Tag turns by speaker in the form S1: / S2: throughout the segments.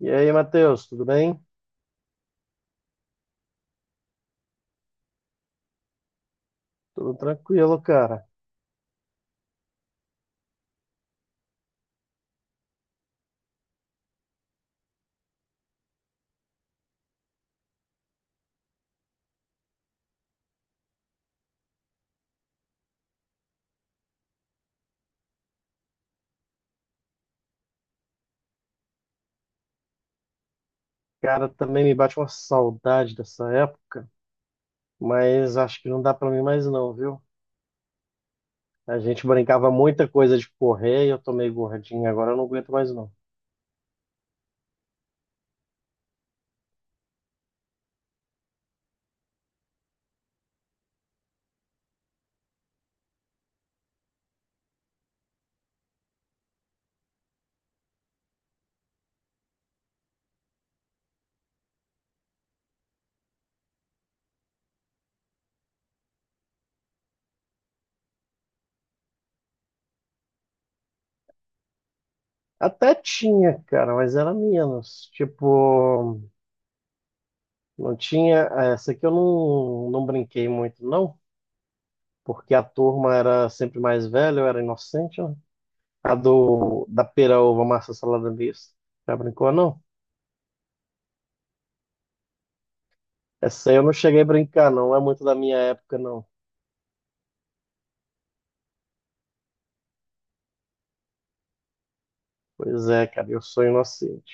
S1: E aí, Matheus, tudo bem? Tudo tranquilo, cara. Cara, também me bate uma saudade dessa época, mas acho que não dá pra mim mais não, viu? A gente brincava muita coisa de correr e eu tô meio gordinho, agora eu não aguento mais não. Até tinha, cara, mas era menos. Tipo, não tinha. Essa aqui eu não brinquei muito, não, porque a turma era sempre mais velha, eu era inocente, né? A da pera, uva, massa, salada mista. Já brincou, não? Essa aí eu não cheguei a brincar, não. Não é muito da minha época, não. Pois é, cara, eu sou inocente.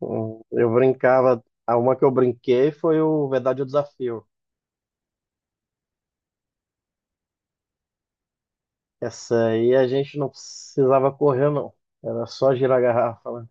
S1: Eu brincava. A uma que eu brinquei foi o Verdade ou Desafio. Essa aí a gente não precisava correr, não. Era só girar a garrafa, né?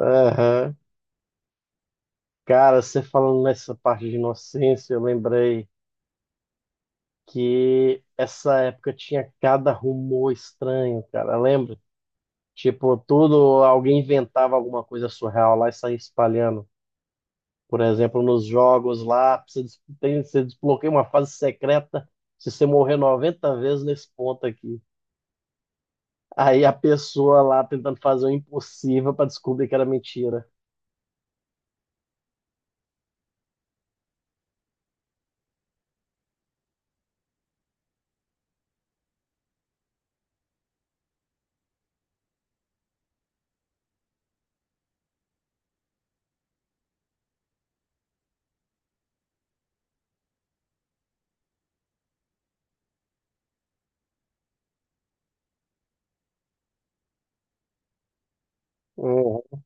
S1: Aham. Cara, você falando nessa parte de inocência, eu lembrei que essa época tinha cada rumor estranho, cara. Lembra? Tipo, tudo, alguém inventava alguma coisa surreal lá e saía espalhando. Por exemplo, nos jogos lá, você, você desbloqueia uma fase secreta se você morrer 90 vezes nesse ponto aqui. Aí a pessoa lá tentando fazer o impossível para descobrir que era mentira. Uhum,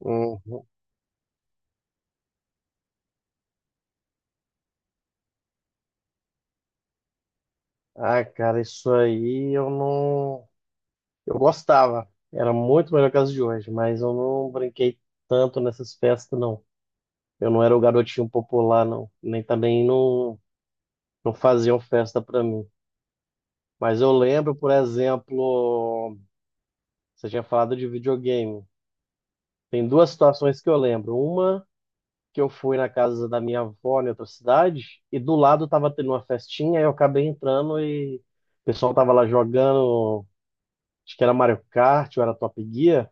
S1: uhum. Ah, cara, isso aí eu não. Eu gostava. Era muito melhor que as de hoje, mas eu não brinquei tanto nessas festas, não. Eu não era o garotinho popular, não. Nem também não, não faziam festa pra mim. Mas eu lembro, por exemplo, você tinha falado de videogame. Tem duas situações que eu lembro. Uma, que eu fui na casa da minha avó em outra cidade, e do lado tava tendo uma festinha, e eu acabei entrando e o pessoal tava lá jogando, acho que era Mario Kart, ou era Top Gear,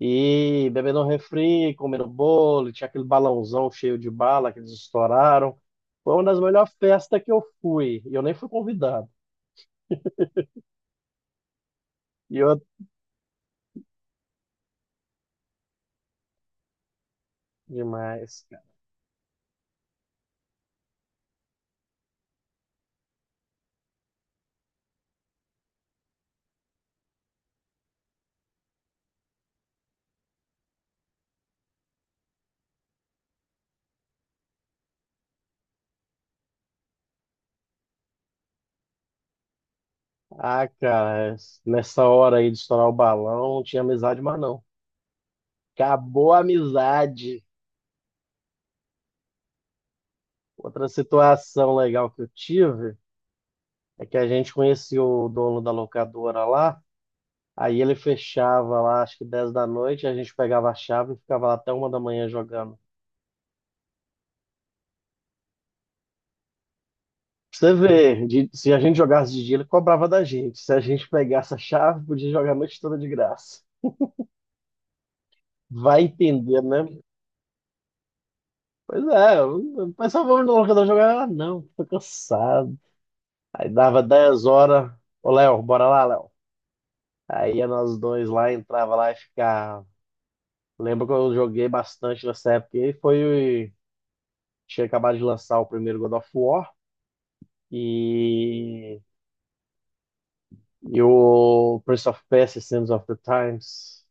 S1: e bebendo um refri, comendo bolo, e tinha aquele balãozão cheio de bala que eles estouraram. Foi uma das melhores festas que eu fui, e eu nem fui convidado. E eu... Demais, cara. Ah, cara, nessa hora aí de estourar o balão, não tinha amizade mais não. Acabou a amizade. Outra situação legal que eu tive é que a gente conhecia o dono da locadora lá, aí ele fechava lá, acho que 10 da noite, a gente pegava a chave e ficava lá até 1 da manhã jogando. Pra você ver, se a gente jogasse de dia, ele cobrava da gente. Se a gente pegasse a chave, podia jogar a noite toda de graça. Vai entender, né? Pois é, o pessoal vamos no locador jogar. Ah, não, tô cansado. Aí dava 10 horas. Ô, Léo, bora lá, Léo. Aí nós dois lá, entrava lá e ficava. Lembro que eu joguei bastante nessa época. E foi. Tinha acabado de lançar o primeiro God of War e, e o Prince of Persia, Sands of the Times.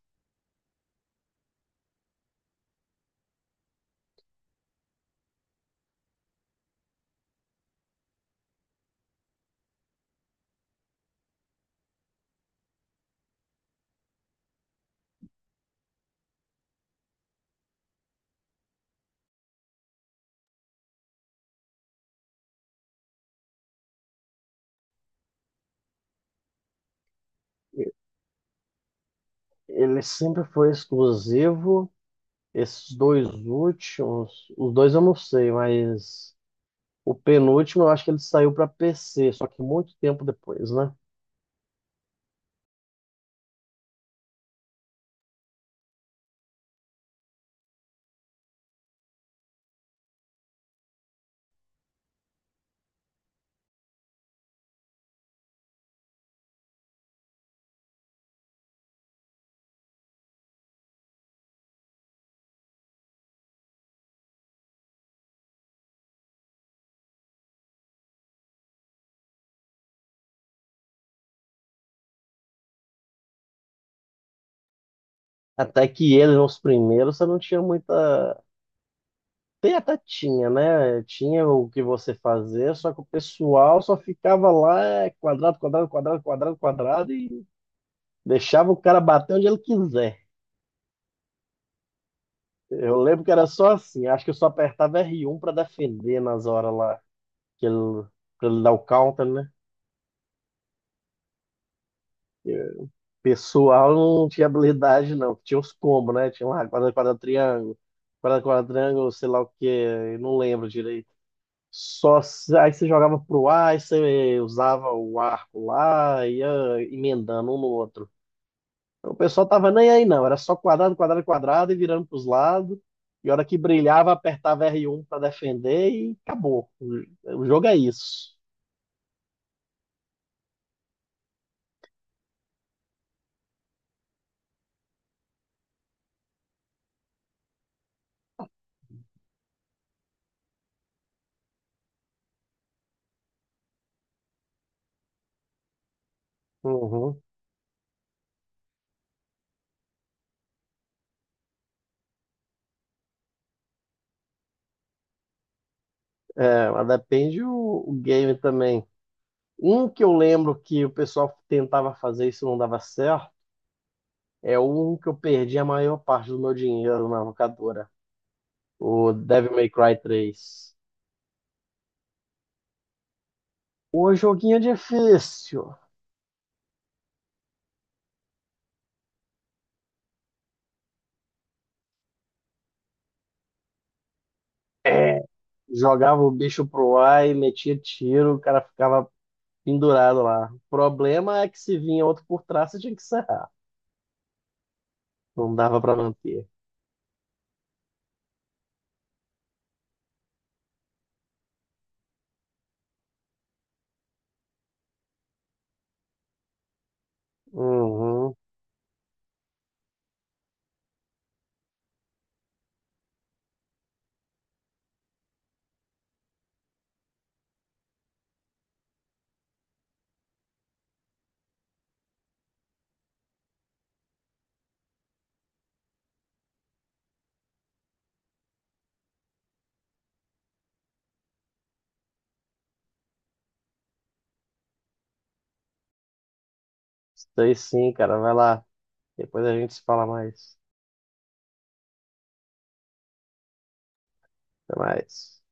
S1: Ele sempre foi exclusivo. Esses dois últimos, os dois eu não sei, mas o penúltimo eu acho que ele saiu para PC, só que muito tempo depois, né? Até que eles, os primeiros, você não tinha muita. Tem até tinha, né? Tinha o que você fazer, só que o pessoal só ficava lá, é, quadrado, quadrado, quadrado, quadrado, quadrado, e deixava o cara bater onde ele quiser. Eu lembro que era só assim, acho que eu só apertava R1 para defender nas horas lá, que ele, pra ele dar o counter, né? Pessoal não tinha habilidade, não. Tinha os combos, né? Tinha lá, quadrado, quadrado, triângulo, sei lá o que, não lembro direito. Só se- Aí você jogava pro ar, aí você usava o arco lá, ia emendando um no outro. O pessoal tava nem aí não, era só quadrado, quadrado, quadrado e virando pros lados. E a hora que brilhava, apertava R1 para defender e acabou. O jogo é isso. Uhum. É, mas depende o game também. Um que eu lembro que o pessoal tentava fazer isso e não dava certo é um que eu perdi a maior parte do meu dinheiro na locadora, o Devil May Cry 3. O joguinho é difícil. É. Jogava o bicho pro ar e metia tiro, o cara ficava pendurado lá. O problema é que se vinha outro por trás, você tinha que serrar. Não dava pra manter. Uhum. Isso aí sim, cara. Vai lá. Depois a gente se fala mais. Até mais.